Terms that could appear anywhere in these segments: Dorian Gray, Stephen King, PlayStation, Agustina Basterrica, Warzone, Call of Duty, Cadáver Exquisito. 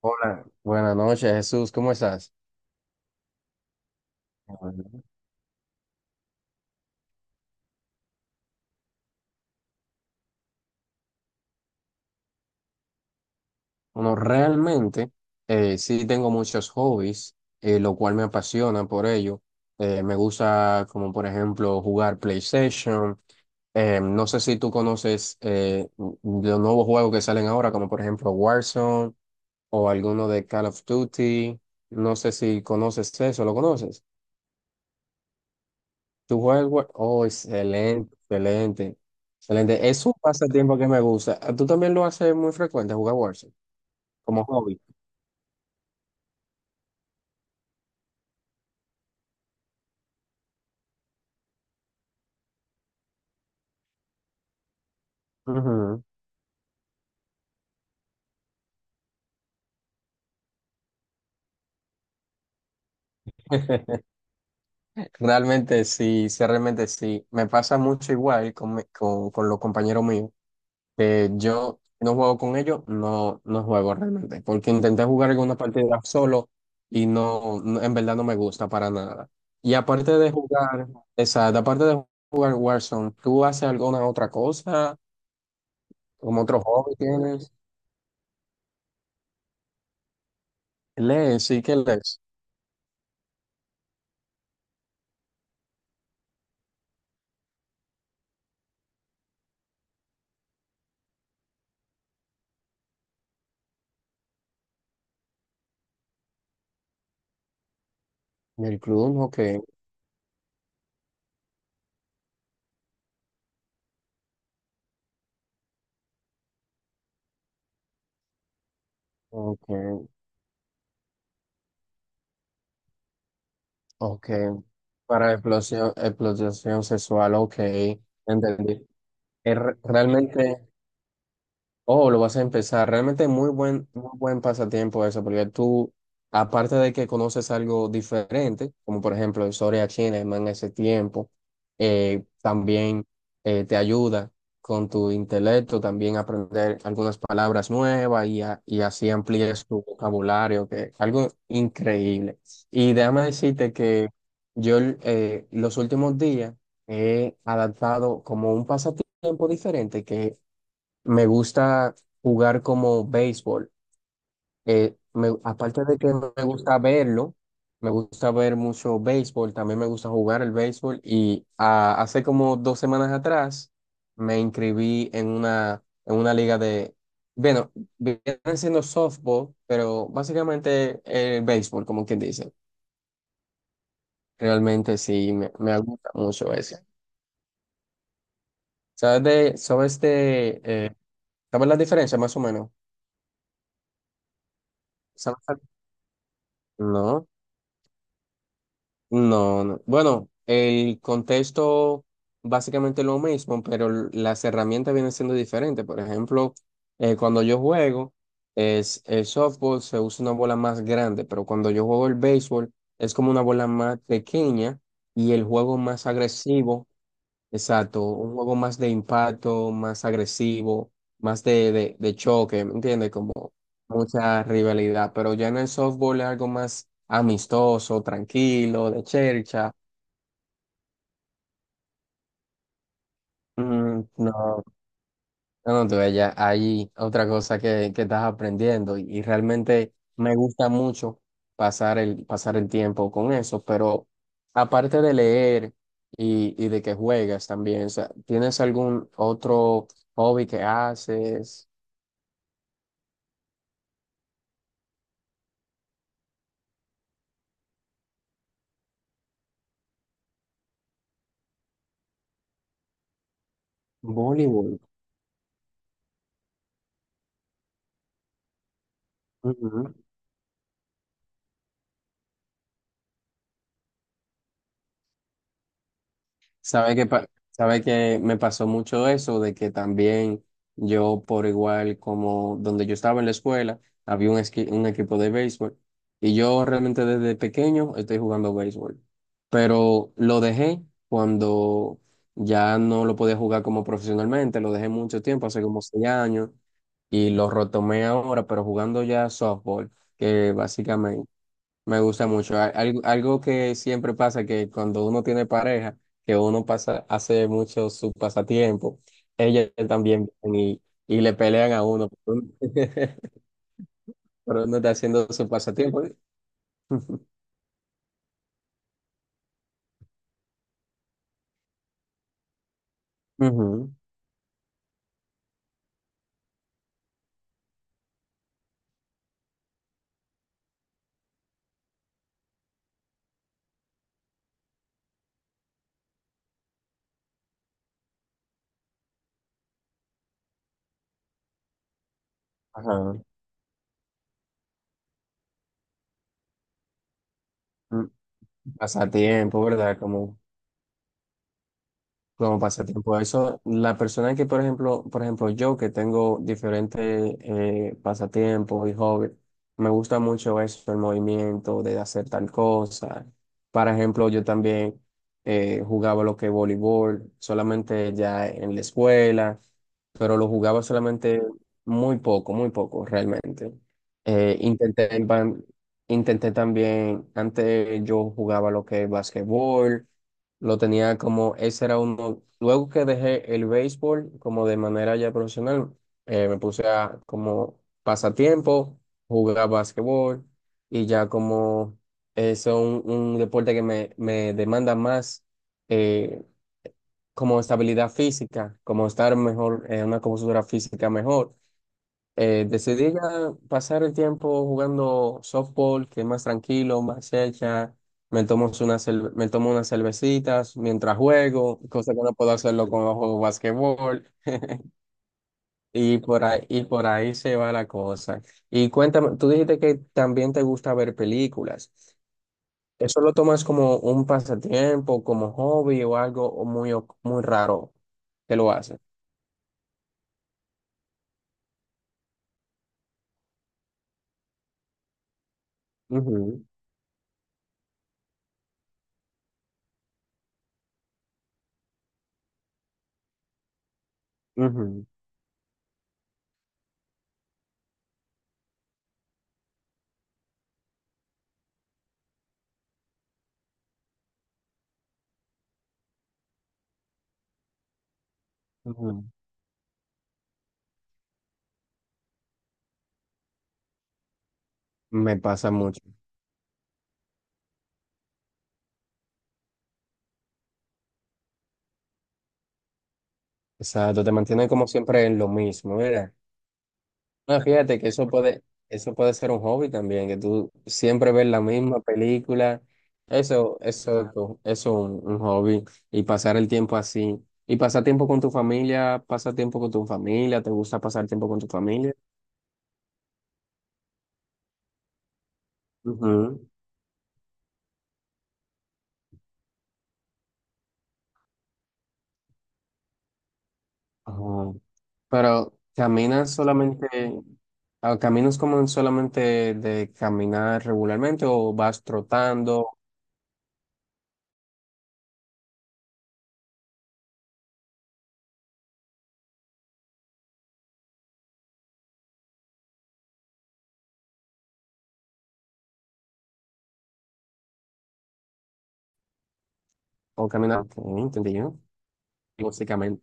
Hola, buenas noches, Jesús, ¿cómo estás? Bueno, Bueno, realmente sí tengo muchos hobbies, lo cual me apasiona por ello. Me gusta, como por ejemplo, jugar PlayStation. No sé si tú conoces los nuevos juegos que salen ahora, como por ejemplo Warzone o alguno de Call of Duty. No sé si conoces eso, ¿lo conoces? ¿Tú juegas el Oh, excelente, excelente. Excelente. Es un pasatiempo que me gusta. Ah, ¿tú también lo haces muy frecuente, jugar Warzone? Como hobby. Ujú. Realmente sí, sí, realmente sí. Me pasa mucho igual con con los compañeros míos, que yo no juego con ellos, no juego realmente, porque intenté jugar alguna partida solo y en verdad no me gusta para nada. Y aparte de jugar, exacto, aparte de jugar Warzone, ¿tú haces alguna otra cosa? ¿Como otro hobby tienes? Lees, sí que lees. En el club, ok, ok, ok. Para explotación sexual, ok, entendí. Realmente, oh, lo vas a empezar. Realmente muy buen pasatiempo eso, porque tú, aparte de que conoces algo diferente, como por ejemplo historia china, en ese tiempo, también te ayuda con tu intelecto, también aprender algunas palabras nuevas y así amplíes tu vocabulario, que es algo increíble. Y déjame decirte que yo los últimos días he adaptado como un pasatiempo diferente, que me gusta jugar como béisbol. Aparte de que me gusta verlo, me gusta ver mucho béisbol, también me gusta jugar el béisbol y ah, hace como dos semanas atrás me inscribí en una liga de, bueno, vienen siendo softball, pero básicamente el béisbol, como quien dice. Realmente sí, me gusta mucho eso. ¿Sabes sabes la diferencia más o menos? ¿Sabes? No. No, no. Bueno, el contexto básicamente es lo mismo, pero las herramientas vienen siendo diferentes. Por ejemplo, cuando yo juego, es el softball se usa una bola más grande, pero cuando yo juego el béisbol es como una bola más pequeña y el juego más agresivo. Exacto, un juego más de impacto, más agresivo, más de choque, ¿me entiendes? Como mucha rivalidad, pero ya en el softball es algo más amistoso, tranquilo, de chercha. Mm, no, no, tú, ella, hay otra cosa que estás aprendiendo y realmente me gusta mucho pasar pasar el tiempo con eso, pero aparte de leer y de que juegas también, o sea, ¿tienes algún otro hobby que haces? Voleibol. Ujú. Sabe que pa- sabe que me pasó mucho eso de que también yo por igual como donde yo estaba en la escuela había un equipo de béisbol y yo realmente desde pequeño estoy jugando béisbol, pero lo dejé cuando ya no lo podía jugar como profesionalmente, lo dejé mucho tiempo, hace como seis años y lo retomé ahora, pero jugando ya softball, que básicamente me gusta mucho. Algo, algo que siempre pasa que cuando uno tiene pareja, que uno pasa, hace mucho su pasatiempo, ellas también vienen y le pelean a uno, pero uno está haciendo su pasatiempo. Ujú. Ajá. Mm, pasatiempo, ¿verdad? Como, como pasatiempo, eso, la persona que, por ejemplo, yo que tengo diferentes pasatiempos y hobbies, me gusta mucho eso, el movimiento de hacer tal cosa. Por ejemplo, yo también jugaba lo que es voleibol, solamente ya en la escuela, pero lo jugaba solamente muy poco realmente. Eh, intenté, en ban- intenté también, antes yo jugaba lo que es basquetbol, lo tenía como, ese era uno. Luego que dejé el béisbol como de manera ya profesional, me puse a como pasatiempo, jugar básquetbol y ya como es un deporte que me demanda más eh, como estabilidad física, como estar mejor, en una compostura física mejor. Decidí ya pasar el tiempo jugando softball, que es más tranquilo, más hecha. Me tomo unas cervecitas mientras juego, cosa que no puedo hacerlo cuando juego basquetbol. Y por ahí se va la cosa. Y cuéntame, tú dijiste que también te gusta ver películas. ¿Eso lo tomas como un pasatiempo, como hobby o algo o muy raro que lo haces? Ujú, ujú, ujú. Me pasa mucho. Exacto, te mantiene como siempre en lo mismo, mira. No, fíjate que eso puede ser un hobby también, que tú siempre ves la misma película. Eso, eso es un hobby. Y pasar el tiempo así. Y pasar tiempo con tu familia, pasa tiempo con tu familia, ¿te gusta pasar tiempo con tu familia? Ujú. Ajá. Pero caminas solamente, ah, caminas como en solamente de caminar regularmente o vas trotando o caminas, ok, entendí yo, básicamente.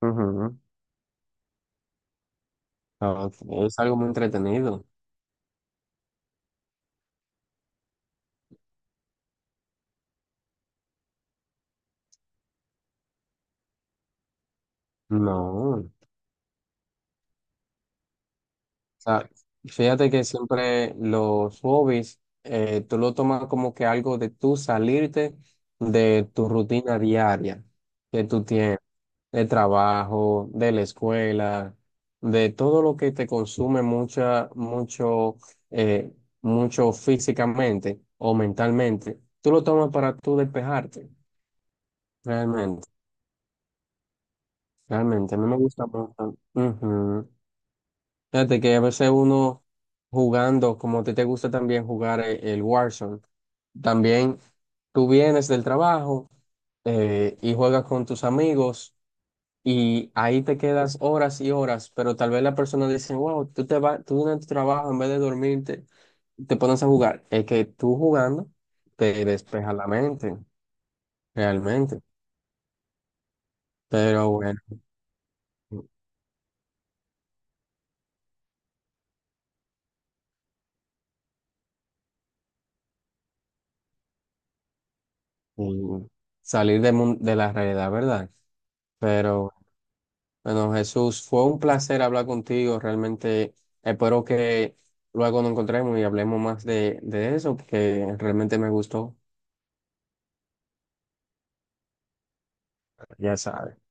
Ujú. Ah, ok, es algo muy entretenido. No. O sea, fíjate que siempre los hobbies, tú lo tomas como que algo de tú salirte de tu rutina diaria que tú tienes, de trabajo, de la escuela, de todo lo que te consume mucha, mucho, eh, mucho físicamente o mentalmente. Tú lo tomas para tú despejarte, realmente. Realmente, a mí me gusta mucho. Ujú. Fíjate que a veces uno jugando, como a ti te gusta también jugar el Warzone, también tú vienes del trabajo y juegas con tus amigos y ahí te quedas horas y horas, pero tal vez la persona dice, wow, tú te vas, tú en tu trabajo en vez de dormirte, te pones a jugar. Es que tú jugando te despeja la mente, realmente. Pero bueno, y salir de, de la realidad, ¿verdad? Pero... Bueno, Jesús, fue un placer hablar contigo. Realmente espero que luego nos encontremos y hablemos más de eso, porque realmente me gustó. Ya sabes.